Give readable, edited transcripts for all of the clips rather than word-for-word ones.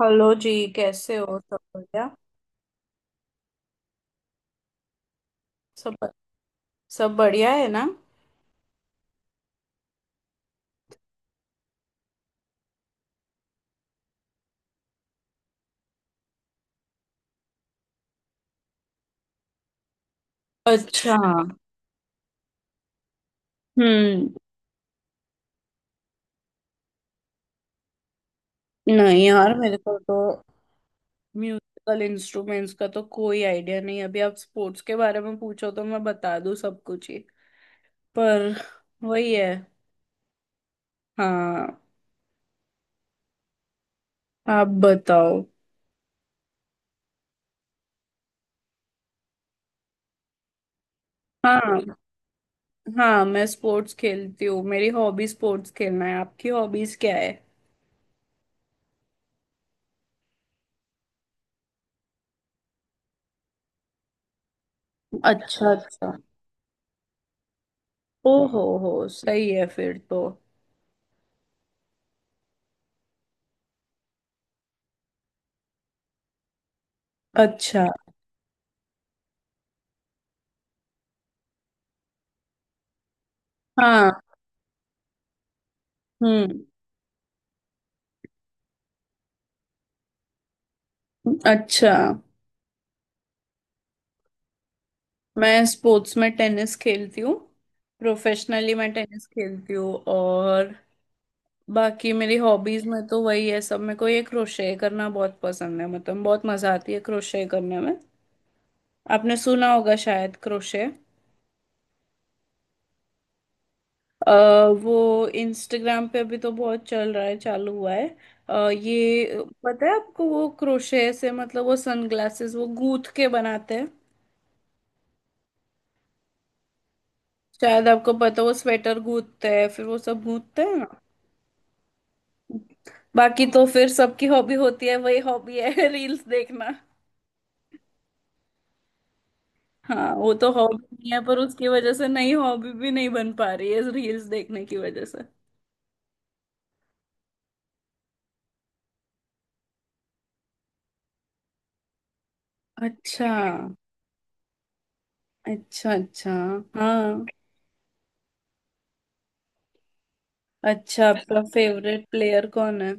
Hello जी। कैसे हो? सब बढ़िया। सब सब बढ़िया है ना? अच्छा। हम्म। नहीं यार, मेरे को तो म्यूजिकल इंस्ट्रूमेंट्स का तो कोई आइडिया नहीं। अभी आप स्पोर्ट्स के बारे में पूछो तो मैं बता दूं सब कुछ ही। पर वही है। हाँ। आप बताओ। हाँ। हाँ मैं स्पोर्ट्स खेलती हूँ। मेरी हॉबी स्पोर्ट्स खेलना है। आपकी हॉबीज क्या है? अच्छा अच्छा। ओ हो, सही है फिर तो। अच्छा। हाँ। हम्म। अच्छा, मैं स्पोर्ट्स में टेनिस खेलती हूँ। प्रोफेशनली मैं टेनिस खेलती हूँ। और बाकी मेरी हॉबीज में तो वही है सब। मेरे को ये क्रोशे करना बहुत पसंद है। मतलब बहुत मजा आती है क्रोशे करने में। आपने सुना होगा शायद, क्रोशे। अ, वो इंस्टाग्राम पे अभी तो बहुत चल रहा है, चालू हुआ है। ये पता है आपको, वो क्रोशे से मतलब वो सनग्लासेस वो गूंथ के बनाते हैं। शायद आपको पता है, वो स्वेटर गूंथते हैं, फिर वो सब गूंथते हैं ना। बाकी तो फिर सबकी हॉबी होती है, वही हॉबी है रील्स देखना। हाँ, वो तो हॉबी नहीं है पर उसकी वजह से नई हॉबी भी नहीं बन पा रही है रील्स देखने की वजह से। अच्छा अच्छा। अच्छा। हाँ। अच्छा, आपका फेवरेट प्लेयर कौन है?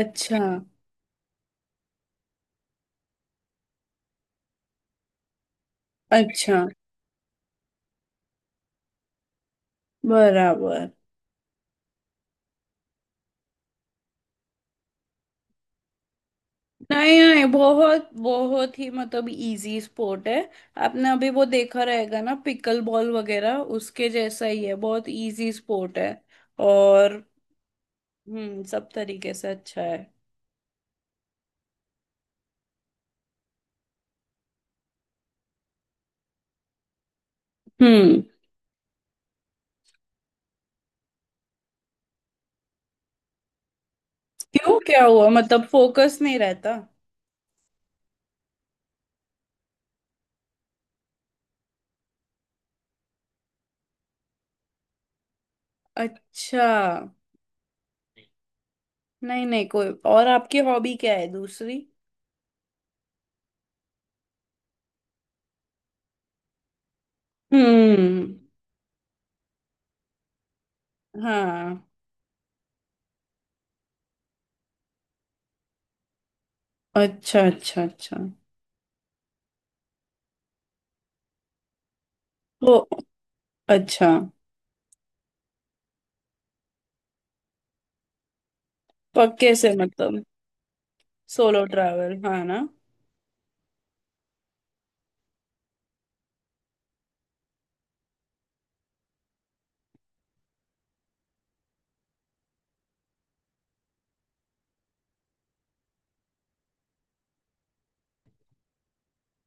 अच्छा अच्छा। बराबर। नहीं नहीं, बहुत बहुत ही मतलब इजी स्पोर्ट है। आपने अभी वो देखा रहेगा ना, पिकल बॉल वगैरह, उसके जैसा ही है, बहुत इजी स्पोर्ट है। और हम्म, सब तरीके से अच्छा है। हम्म। क्यों, क्या हुआ? मतलब फोकस नहीं रहता? अच्छा। नहीं नहीं, कोई और आपकी हॉबी क्या है दूसरी? हम्म। हाँ। अच्छा अच्छा अच्छा। तो अच्छा। पक्के से मतलब सोलो ट्रैवल, हाँ ना?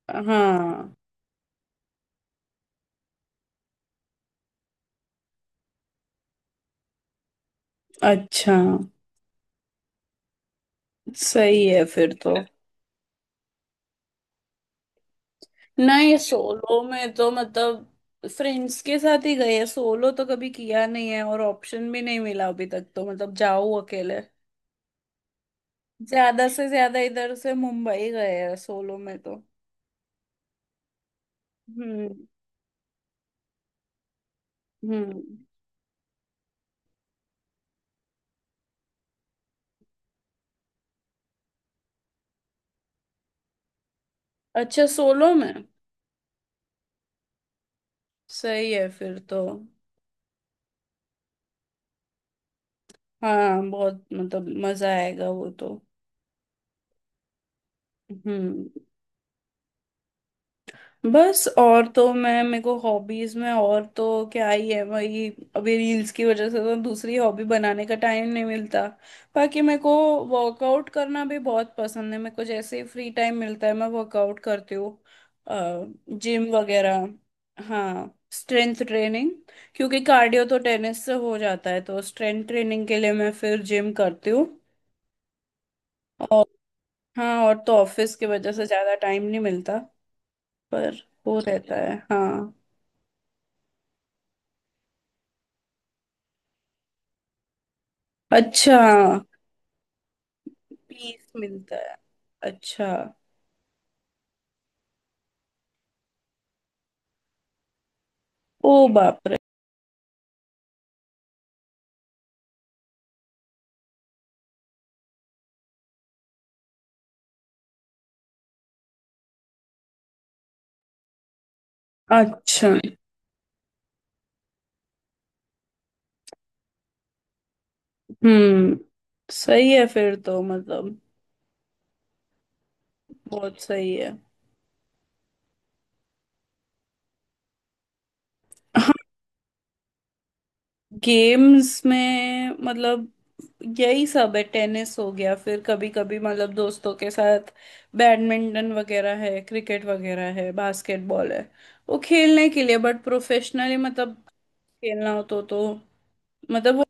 हाँ। अच्छा। सही है फिर तो। नहीं, सोलो में तो मतलब फ्रेंड्स के साथ ही गए, सोलो तो कभी किया नहीं है और ऑप्शन भी नहीं मिला अभी तक, तो मतलब जाओ अकेले। ज्यादा से ज्यादा इधर से मुंबई गए हैं सोलो में तो। हम्म। हम्म। अच्छा, सोलो में। सही है फिर तो। हाँ बहुत मतलब मजा आएगा वो तो। हम्म। बस, और तो मैं मेरे को हॉबीज में और तो क्या ही है, वही। अभी रील्स की वजह से तो दूसरी हॉबी बनाने का टाइम नहीं मिलता। बाकी मेरे को वर्कआउट करना भी बहुत पसंद है। मेरे को जैसे ही फ्री टाइम मिलता है मैं वर्कआउट करती हूँ। जिम वगैरह। हाँ, स्ट्रेंथ ट्रेनिंग। क्योंकि कार्डियो तो टेनिस से हो जाता है तो स्ट्रेंथ ट्रेनिंग के लिए मैं फिर जिम करती हूँ। और हाँ, और तो ऑफिस की वजह से ज्यादा टाइम नहीं मिलता पर वो रहता है। हाँ। अच्छा। पीस मिलता है। अच्छा। ओ बाप रे। अच्छा। हम्म। सही है फिर तो, मतलब बहुत सही है। हाँ, गेम्स में मतलब यही सब है। टेनिस हो गया, फिर कभी कभी मतलब दोस्तों के साथ बैडमिंटन वगैरह है, क्रिकेट वगैरह है, बास्केटबॉल है, वो खेलने के लिए। बट प्रोफेशनली मतलब खेलना हो तो मतलब वो।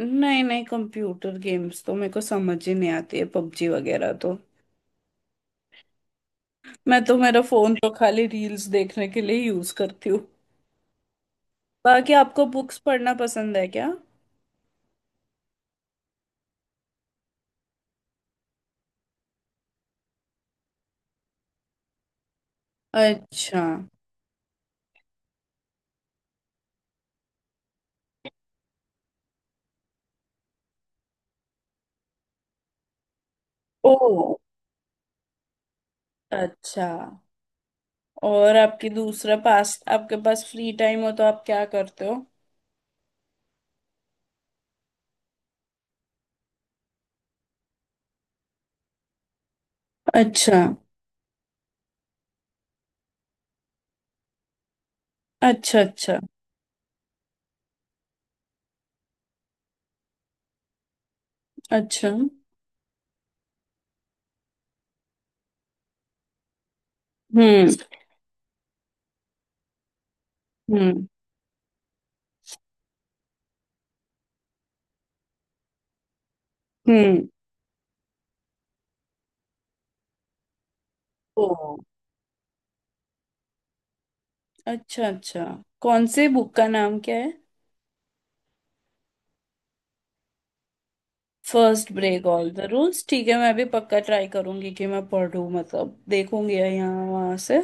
नहीं नहीं, कंप्यूटर गेम्स तो मेरे को समझ ही नहीं आती है, पबजी वगैरह तो। मैं तो मेरा फोन तो खाली रील्स देखने के लिए यूज करती हूँ। बाकी आपको बुक्स पढ़ना पसंद है क्या? अच्छा। ओ। अच्छा। और आपकी दूसरा पास आपके पास फ्री टाइम हो तो आप क्या करते हो? अच्छा अच्छा। अच्छा अच्छा। हम्म। हम्म। हम्म। ओ। अच्छा अच्छा। कौन से, बुक का नाम क्या है? First break all the rules, ठीक है। मैं भी पक्का ट्राई करूंगी कि मैं पढ़ूं, मतलब देखूंगी यहाँ वहां से।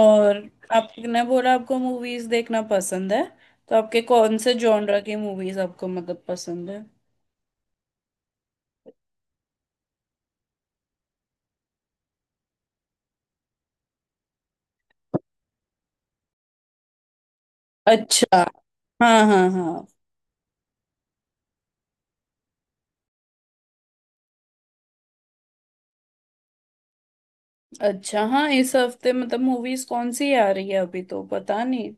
और आपने बोला आपको मूवीज देखना पसंद है, तो आपके कौन से जॉनरा की मूवीज आपको मतलब पसंद है? अच्छा, हाँ हाँ हाँ। अच्छा हाँ, इस हफ्ते मतलब मूवीज कौन सी आ रही है अभी तो पता नहीं।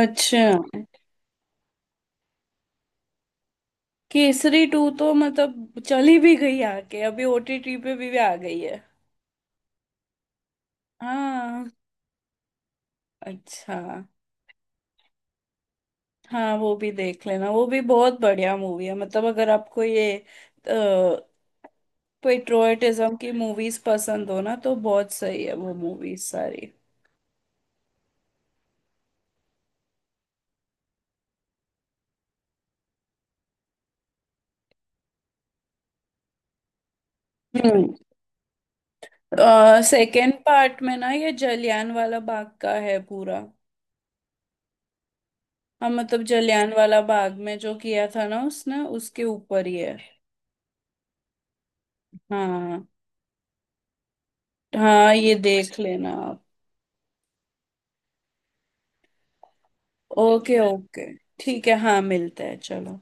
अच्छा। केसरी टू तो मतलब चली भी गई आके, अभी ओटीटी पे भी आ गई है। हाँ। अच्छा। हाँ वो भी देख लेना, वो भी बहुत बढ़िया मूवी है। मतलब अगर आपको ये पेट्रोटिज्म की मूवीज पसंद हो ना तो बहुत सही है वो मूवीज सारी। हम्म। सेकेंड पार्ट में ना, ये जलियान वाला बाग का है पूरा। हाँ, मतलब जलियान वाला बाग में जो किया था ना उसने, उसके ऊपर ही है। हाँ। हाँ ये देख लेना आप। Okay okay. ठीक है, हाँ, मिलते हैं, चलो।